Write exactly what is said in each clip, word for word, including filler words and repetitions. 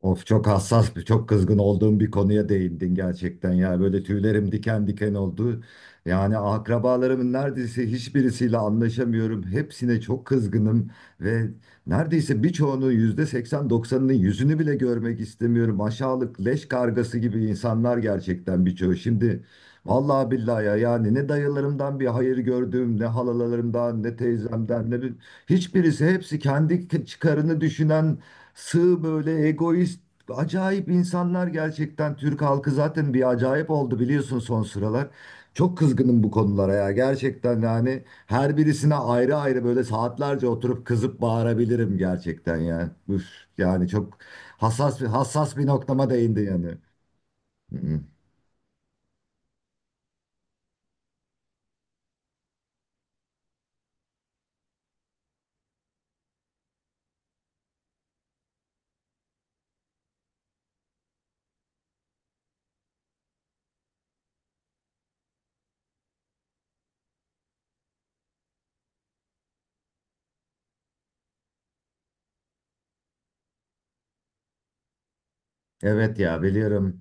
Of çok hassas bir, çok kızgın olduğum bir konuya değindin gerçekten ya. Böyle tüylerim diken diken oldu. Yani akrabalarımın neredeyse hiçbirisiyle anlaşamıyorum. Hepsine çok kızgınım ve neredeyse birçoğunun yüzde seksen doksanının yüzünü bile görmek istemiyorum. Aşağılık leş kargası gibi insanlar gerçekten birçoğu. Şimdi vallahi billahi ya yani ne dayılarımdan bir hayır gördüm, ne halalarımdan, ne teyzemden, ne bir... Hiçbirisi hepsi kendi çıkarını düşünen sığ, böyle egoist, acayip insanlar gerçekten. Türk halkı zaten bir acayip oldu biliyorsun son sıralar. Çok kızgınım bu konulara ya. Gerçekten yani her birisine ayrı ayrı böyle saatlerce oturup kızıp bağırabilirim gerçekten ya. Üf, yani çok hassas bir hassas bir noktama değindi yani. Hı hı. Evet ya, biliyorum.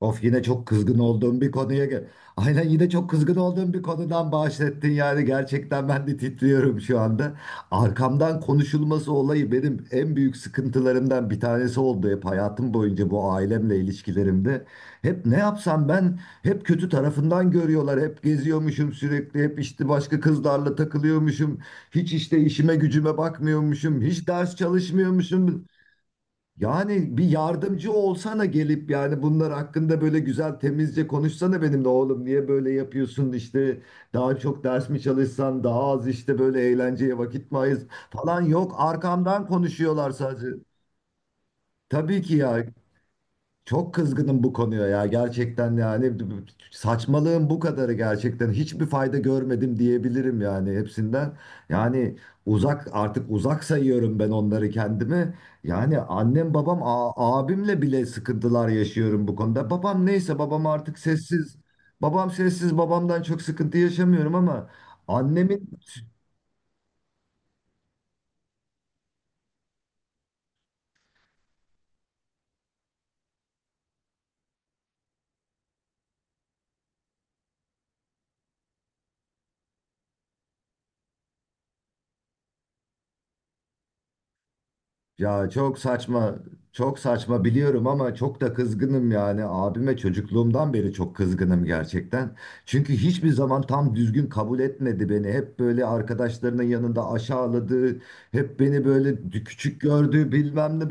Of, yine çok kızgın olduğum bir konuya gel. Aynen, yine çok kızgın olduğum bir konudan bahsettin yani, gerçekten ben de titriyorum şu anda. Arkamdan konuşulması olayı benim en büyük sıkıntılarımdan bir tanesi oldu hep hayatım boyunca, bu ailemle ilişkilerimde. Hep ne yapsam ben, hep kötü tarafından görüyorlar. Hep geziyormuşum sürekli. Hep işte başka kızlarla takılıyormuşum. Hiç işte işime gücüme bakmıyormuşum. Hiç ders çalışmıyormuşum. Yani bir yardımcı olsana gelip, yani bunlar hakkında böyle güzel temizce konuşsana benimle, oğlum niye böyle yapıyorsun işte, daha çok ders mi çalışsan, daha az işte böyle eğlenceye vakit mi ayırs falan yok, arkamdan konuşuyorlar sadece. Tabii ki ya, çok kızgınım bu konuya ya, gerçekten yani saçmalığın bu kadarı, gerçekten hiçbir fayda görmedim diyebilirim yani hepsinden. Yani uzak, artık uzak sayıyorum ben onları kendimi. Yani annem babam a- abimle bile sıkıntılar yaşıyorum bu konuda. Babam neyse, babam artık sessiz. Babam sessiz, babamdan çok sıkıntı yaşamıyorum ama annemin... Ya çok saçma, çok saçma biliyorum ama çok da kızgınım yani. Abime çocukluğumdan beri çok kızgınım gerçekten. Çünkü hiçbir zaman tam düzgün kabul etmedi beni. Hep böyle arkadaşlarının yanında aşağıladı, hep beni böyle küçük gördü, bilmem ne.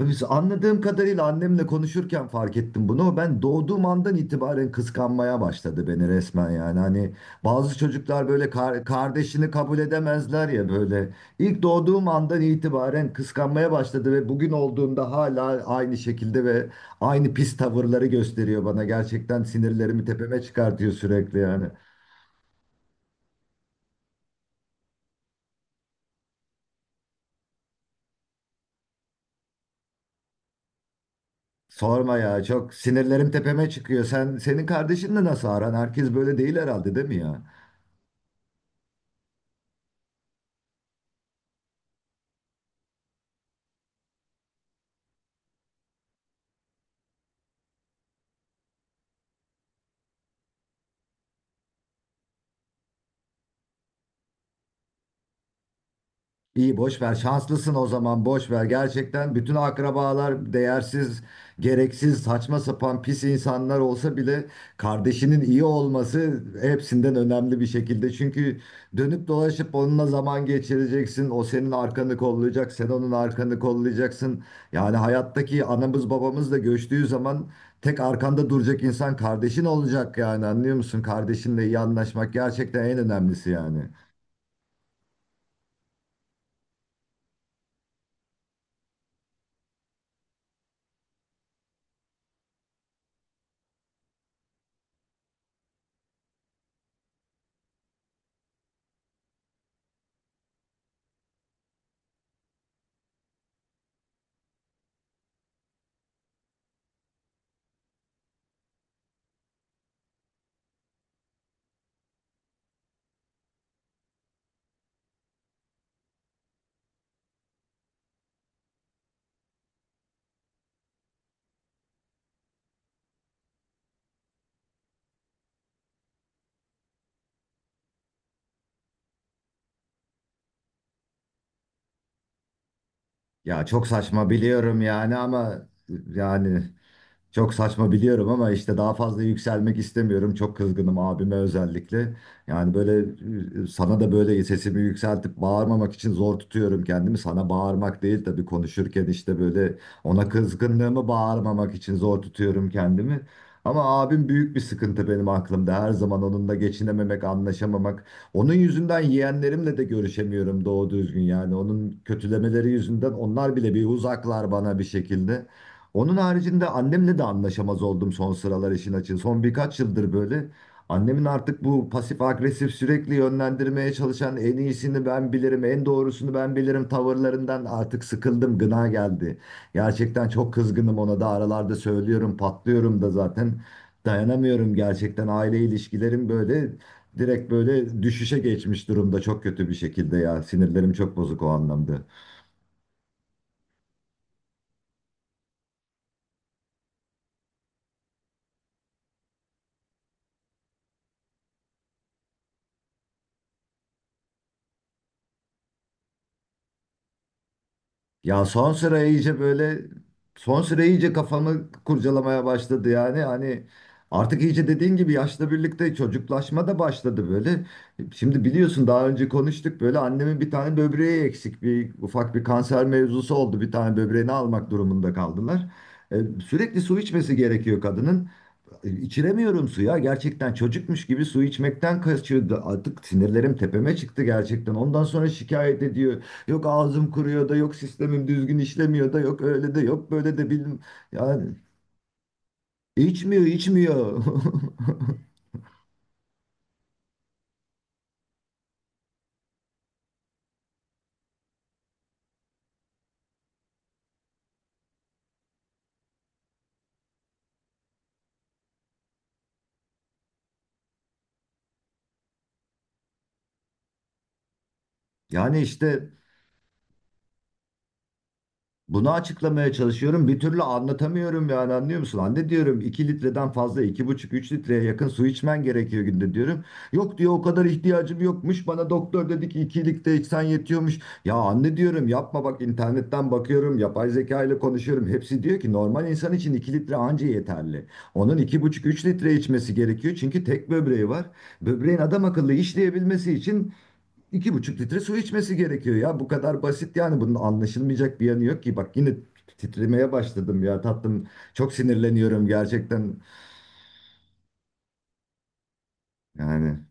Biz anladığım kadarıyla, annemle konuşurken fark ettim bunu. Ben doğduğum andan itibaren kıskanmaya başladı beni resmen yani. Hani bazı çocuklar böyle kar- kardeşini kabul edemezler ya böyle. İlk doğduğum andan itibaren kıskanmaya başladı ve bugün olduğunda hala aynı şekilde ve aynı pis tavırları gösteriyor bana. Gerçekten sinirlerimi tepeme çıkartıyor sürekli yani. Sorma ya, çok sinirlerim tepeme çıkıyor. Sen senin kardeşinle nasıl aran? Herkes böyle değil herhalde, değil mi ya? İyi, boş ver. Şanslısın, o zaman boş ver. Gerçekten bütün akrabalar değersiz, gereksiz, saçma sapan pis insanlar olsa bile kardeşinin iyi olması hepsinden önemli bir şekilde. Çünkü dönüp dolaşıp onunla zaman geçireceksin. O senin arkanı kollayacak, sen onun arkanı kollayacaksın. Yani hayattaki anamız babamız da göçtüğü zaman tek arkanda duracak insan kardeşin olacak yani. Anlıyor musun? Kardeşinle iyi anlaşmak gerçekten en önemlisi yani. Ya çok saçma biliyorum yani ama yani çok saçma biliyorum ama işte daha fazla yükselmek istemiyorum. Çok kızgınım abime özellikle. Yani böyle, e, sana da böyle sesimi yükseltip bağırmamak için zor tutuyorum kendimi. Sana bağırmak değil tabii, konuşurken işte böyle ona kızgınlığımı bağırmamak için zor tutuyorum kendimi. Ama abim büyük bir sıkıntı benim aklımda. Her zaman onunla geçinememek, anlaşamamak. Onun yüzünden yeğenlerimle de görüşemiyorum doğru düzgün yani. Onun kötülemeleri yüzünden onlar bile bir uzaklar bana bir şekilde. Onun haricinde annemle de anlaşamaz oldum son sıralar, işin açığı. Son birkaç yıldır böyle. Annemin artık bu pasif agresif, sürekli yönlendirmeye çalışan, en iyisini ben bilirim, en doğrusunu ben bilirim tavırlarından artık sıkıldım, gına geldi. Gerçekten çok kızgınım ona da, aralarda söylüyorum, patlıyorum da zaten. Dayanamıyorum gerçekten, aile ilişkilerim böyle direkt böyle düşüşe geçmiş durumda, çok kötü bir şekilde ya. Sinirlerim çok bozuk o anlamda. Ya son sıra iyice böyle son sıra iyice kafamı kurcalamaya başladı yani, hani artık iyice dediğin gibi yaşla birlikte çocuklaşma da başladı böyle. Şimdi biliyorsun, daha önce konuştuk, böyle annemin bir tane böbreği eksik, bir ufak bir kanser mevzusu oldu, bir tane böbreğini almak durumunda kaldılar. E, Sürekli su içmesi gerekiyor kadının. E, İçiremiyorum suya. Gerçekten çocukmuş gibi su içmekten kaçıyordu. Artık sinirlerim tepeme çıktı gerçekten. Ondan sonra şikayet ediyor. Yok ağzım kuruyor da, yok sistemim düzgün işlemiyor da, yok öyle de, yok böyle de, bilmem. Yani içmiyor, içmiyor. Yani işte, Bunu açıklamaya çalışıyorum. Bir türlü anlatamıyorum yani, anlıyor musun? Anne diyorum, iki litreden fazla, iki buçuk üç litreye yakın su içmen gerekiyor günde, diyorum. Yok diyor, o kadar ihtiyacım yokmuş. Bana doktor dedi ki iki litre içsen yetiyormuş. Ya anne diyorum, yapma, bak internetten bakıyorum. Yapay zeka ile konuşuyorum. Hepsi diyor ki, normal insan için iki litre anca yeterli. Onun iki buçuk üç litre içmesi gerekiyor. Çünkü tek böbreği var. Böbreğin adam akıllı işleyebilmesi için İki buçuk litre su içmesi gerekiyor ya. Bu kadar basit yani, bunun anlaşılmayacak bir yanı yok ki. Bak yine titremeye başladım ya tatlım. Çok sinirleniyorum gerçekten. Yani.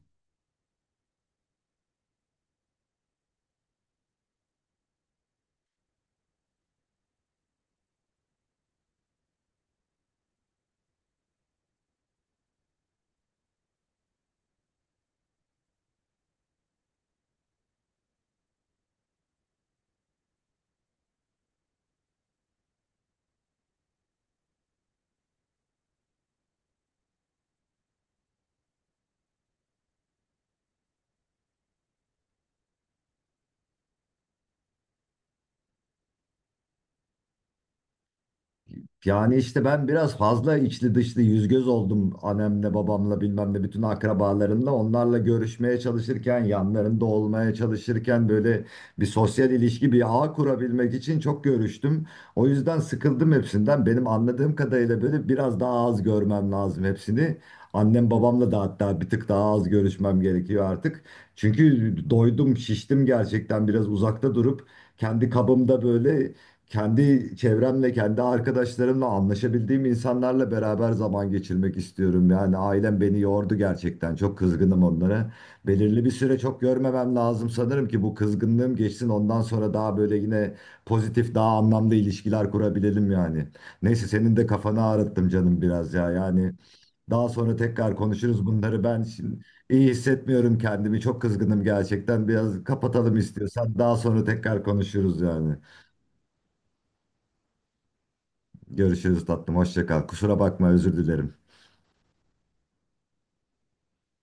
Yani işte, ben biraz fazla içli dışlı yüz göz oldum annemle babamla bilmem ne, bütün akrabalarımla onlarla görüşmeye çalışırken, yanlarında olmaya çalışırken, böyle bir sosyal ilişki, bir ağ kurabilmek için çok görüştüm. O yüzden sıkıldım hepsinden, benim anladığım kadarıyla böyle biraz daha az görmem lazım hepsini. Annem babamla da hatta bir tık daha az görüşmem gerekiyor artık. Çünkü doydum, şiştim gerçekten, biraz uzakta durup kendi kabımda, böyle kendi çevremle, kendi arkadaşlarımla, anlaşabildiğim insanlarla beraber zaman geçirmek istiyorum. Yani ailem beni yordu gerçekten. Çok kızgınım onlara. Belirli bir süre çok görmemem lazım sanırım ki bu kızgınlığım geçsin. Ondan sonra daha böyle yine pozitif, daha anlamlı ilişkiler kurabilelim yani. Neyse, senin de kafanı ağrıttım canım biraz ya. Yani daha sonra tekrar konuşuruz bunları. Ben şimdi iyi hissetmiyorum kendimi. Çok kızgınım gerçekten. Biraz kapatalım istiyorsan. Daha sonra tekrar konuşuruz yani. Görüşürüz tatlım. Hoşça kal. Kusura bakma, özür dilerim.